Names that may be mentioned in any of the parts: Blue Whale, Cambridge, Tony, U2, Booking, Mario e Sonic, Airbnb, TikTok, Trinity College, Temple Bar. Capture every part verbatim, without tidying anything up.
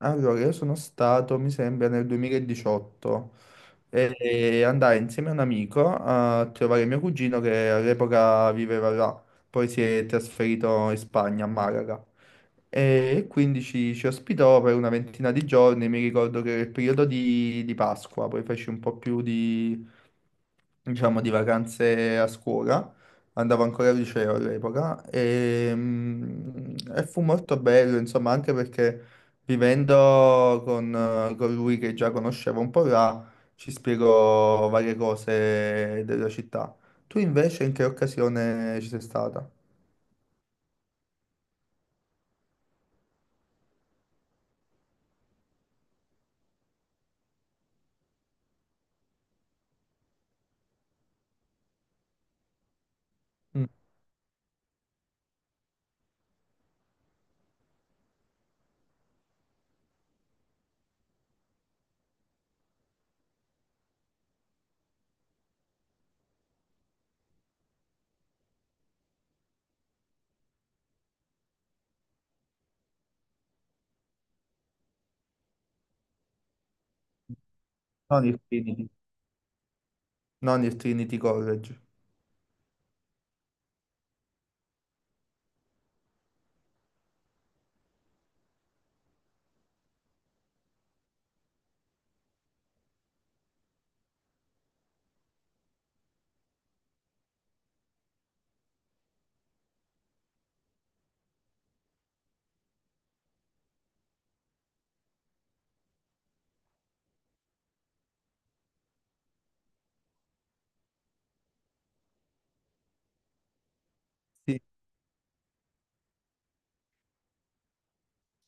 Allora, io sono stato, mi sembra, nel duemiladiciotto e e andai insieme a un amico a trovare mio cugino che all'epoca viveva là, poi si è trasferito in Spagna, a Malaga. E quindi ci, ci ospitò per una ventina di giorni. Mi ricordo che era il periodo di, di Pasqua, poi feci un po' più di, diciamo, di vacanze a scuola. Andavo ancora al liceo all'epoca e, mm, e fu molto bello, insomma, anche perché vivendo con, eh, con lui che già conoscevo un po' là, ci spiego varie cose della città. Tu invece in che occasione ci sei stata? Mm. Non il Trinity. Non il Trinity College. Sì,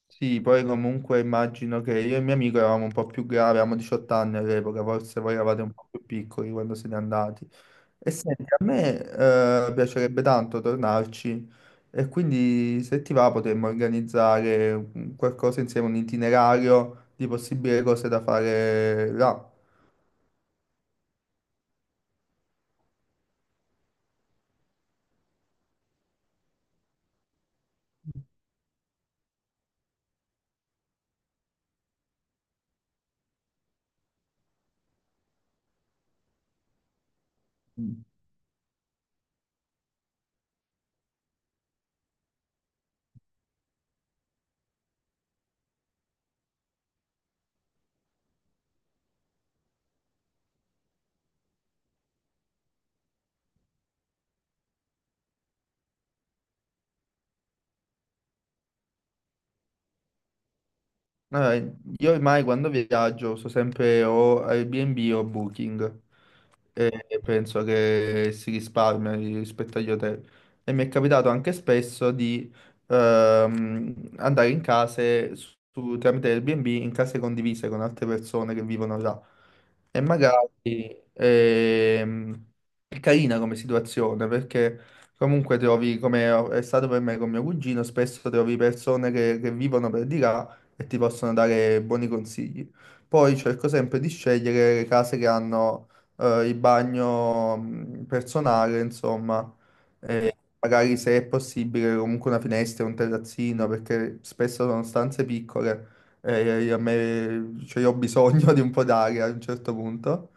sì, poi comunque immagino che io e mio amico eravamo un po' più gravi, avevamo diciotto anni all'epoca, forse voi eravate un po' più piccoli quando siete andati. E senti, a me eh, piacerebbe tanto tornarci, e quindi se ti va potremmo organizzare un- qualcosa insieme, un itinerario di possibili cose da fare là. Mm. Allora, io ormai quando viaggio so sempre o Airbnb o Booking, e penso che si risparmia rispetto agli hotel. E mi è capitato anche spesso di ehm, andare in case su, tramite Airbnb, in case condivise con altre persone che vivono là. E magari ehm, è carina come situazione, perché comunque trovi, come è stato per me con mio cugino, spesso trovi persone che, che vivono per di là e ti possono dare buoni consigli. Poi cerco sempre di scegliere le case che hanno eh, il bagno mh, personale, insomma, e magari se è possibile comunque una finestra, un terrazzino, perché spesso sono stanze piccole e io- a me, cioè, io ho bisogno di un po' d'aria a un certo punto.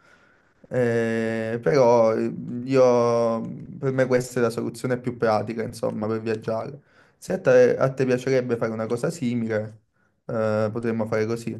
Eh, però eh, io, per me questa è la soluzione più pratica, insomma, per viaggiare. Se a te, a te piacerebbe fare una cosa simile, eh, potremmo fare così.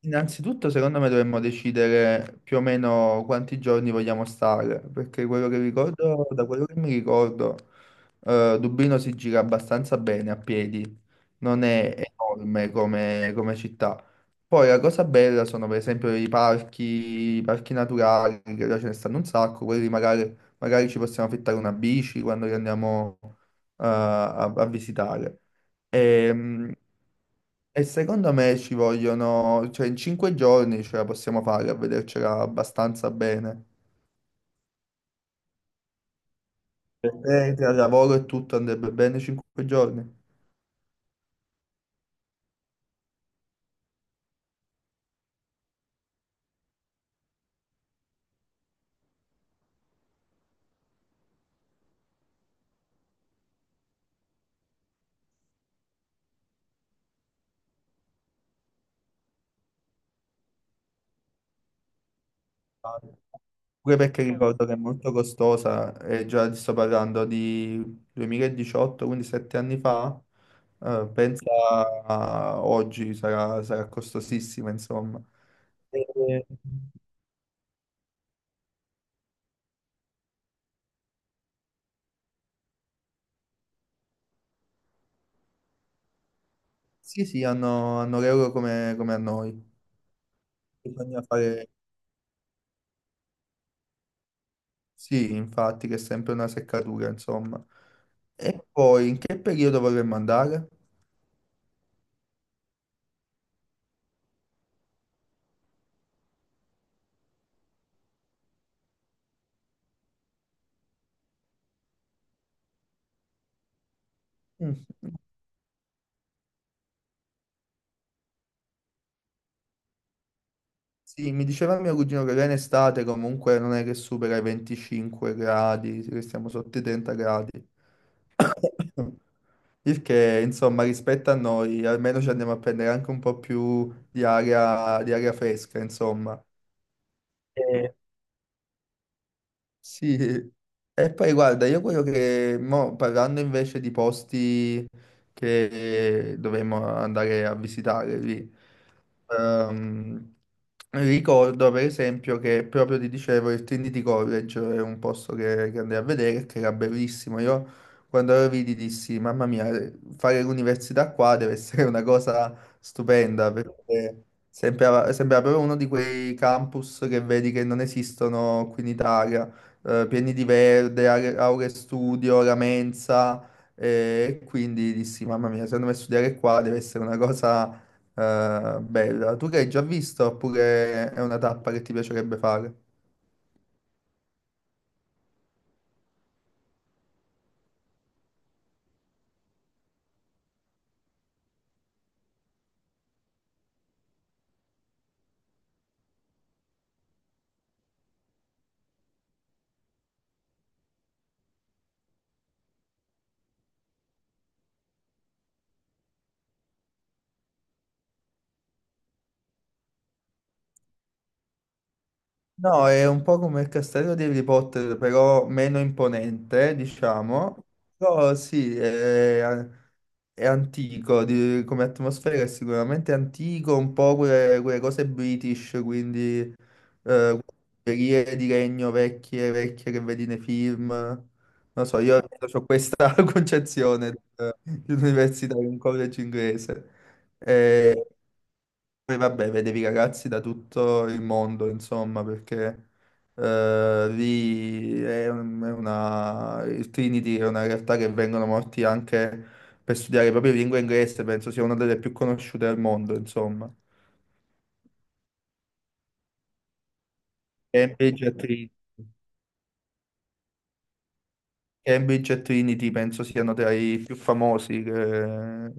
Innanzitutto, secondo me, dovremmo decidere più o meno quanti giorni vogliamo stare, perché quello che ricordo, da quello che mi ricordo, eh, Dublino si gira abbastanza bene a piedi, non è enorme come, come città. Poi la cosa bella sono per esempio i parchi, i parchi naturali, che là ce ne stanno un sacco. Quelli magari, magari ci possiamo affittare una bici quando li andiamo eh, a, a visitare. Ehm, E secondo me ci vogliono, cioè in cinque giorni ce la possiamo fare a vedercela abbastanza bene. Per te, tra lavoro e tutto andrebbe bene cinque giorni? Pure perché sì, ricordo che è molto costosa, e già ti sto parlando di duemiladiciotto, quindi sette anni fa. Eh, pensa a oggi, sarà, sarà costosissima, insomma. Eh, sì, sì, hanno, hanno l'euro come, come a noi. Bisogna fare, sì, infatti, che è sempre una seccatura, insomma. E poi, in che periodo vorremmo andare? Mm. Sì, mi diceva mio cugino che là in estate comunque non è che supera i venticinque gradi, che stiamo sotto i trenta gradi. Il che, insomma, rispetto a noi, almeno ci andiamo a prendere anche un po' più di aria, di aria fresca, insomma. Eh, Sì, e poi guarda, io quello che, mo, parlando invece di posti che dovremmo andare a visitare lì, ehm, ricordo per esempio che proprio ti dicevo il Trinity College è un posto che, che andai a vedere, che era bellissimo. Io quando lo vidi dissi, mamma mia, fare l'università qua deve essere una cosa stupenda, perché sembrava, sembrava proprio uno di quei campus che vedi che non esistono qui in Italia, eh, pieni di verde, are- aule studio, la mensa, e quindi dissi, mamma mia, secondo me studiare qua deve essere una cosa eh, bella. Tu che hai già visto oppure è una tappa che ti piacerebbe fare? No, è un po' come il castello di Harry Potter, però meno imponente, diciamo. Però sì, è, È antico di- come atmosfera, è sicuramente antico, un po' quelle, quelle cose British, quindi eh, quelle periere di regno vecchie, vecchie che vedi nei film. Non so, io ho questa concezione di di un'università, di un college inglese. Eh, poi vabbè, vedevi ragazzi da tutto il mondo, insomma, perché eh, lì è un- è una... il Trinity è una realtà che vengono morti anche per studiare proprio lingua inglese, penso sia una delle più conosciute al mondo, insomma. Cambridge e Trinity, Cambridge e Trinity penso siano tra i più famosi. Che...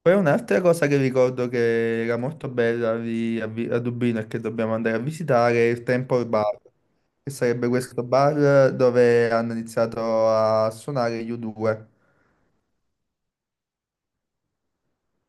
Poi un'altra cosa che ricordo che era molto bella lì a, Vi- a Dublino, e che dobbiamo andare a visitare è il Temple Bar, che sarebbe questo bar dove hanno iniziato a suonare gli u due.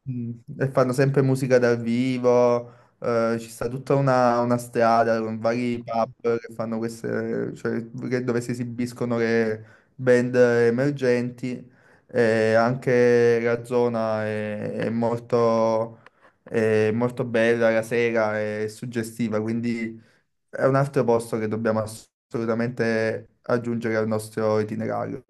Mm, e fanno sempre musica dal vivo, eh, ci sta tutta una, una strada con vari pub che fanno queste, cioè, che- dove si esibiscono le band emergenti, e anche la zona è, è molto, è molto bella la sera, è suggestiva, quindi è un altro posto che dobbiamo assolutamente aggiungere al nostro itinerario.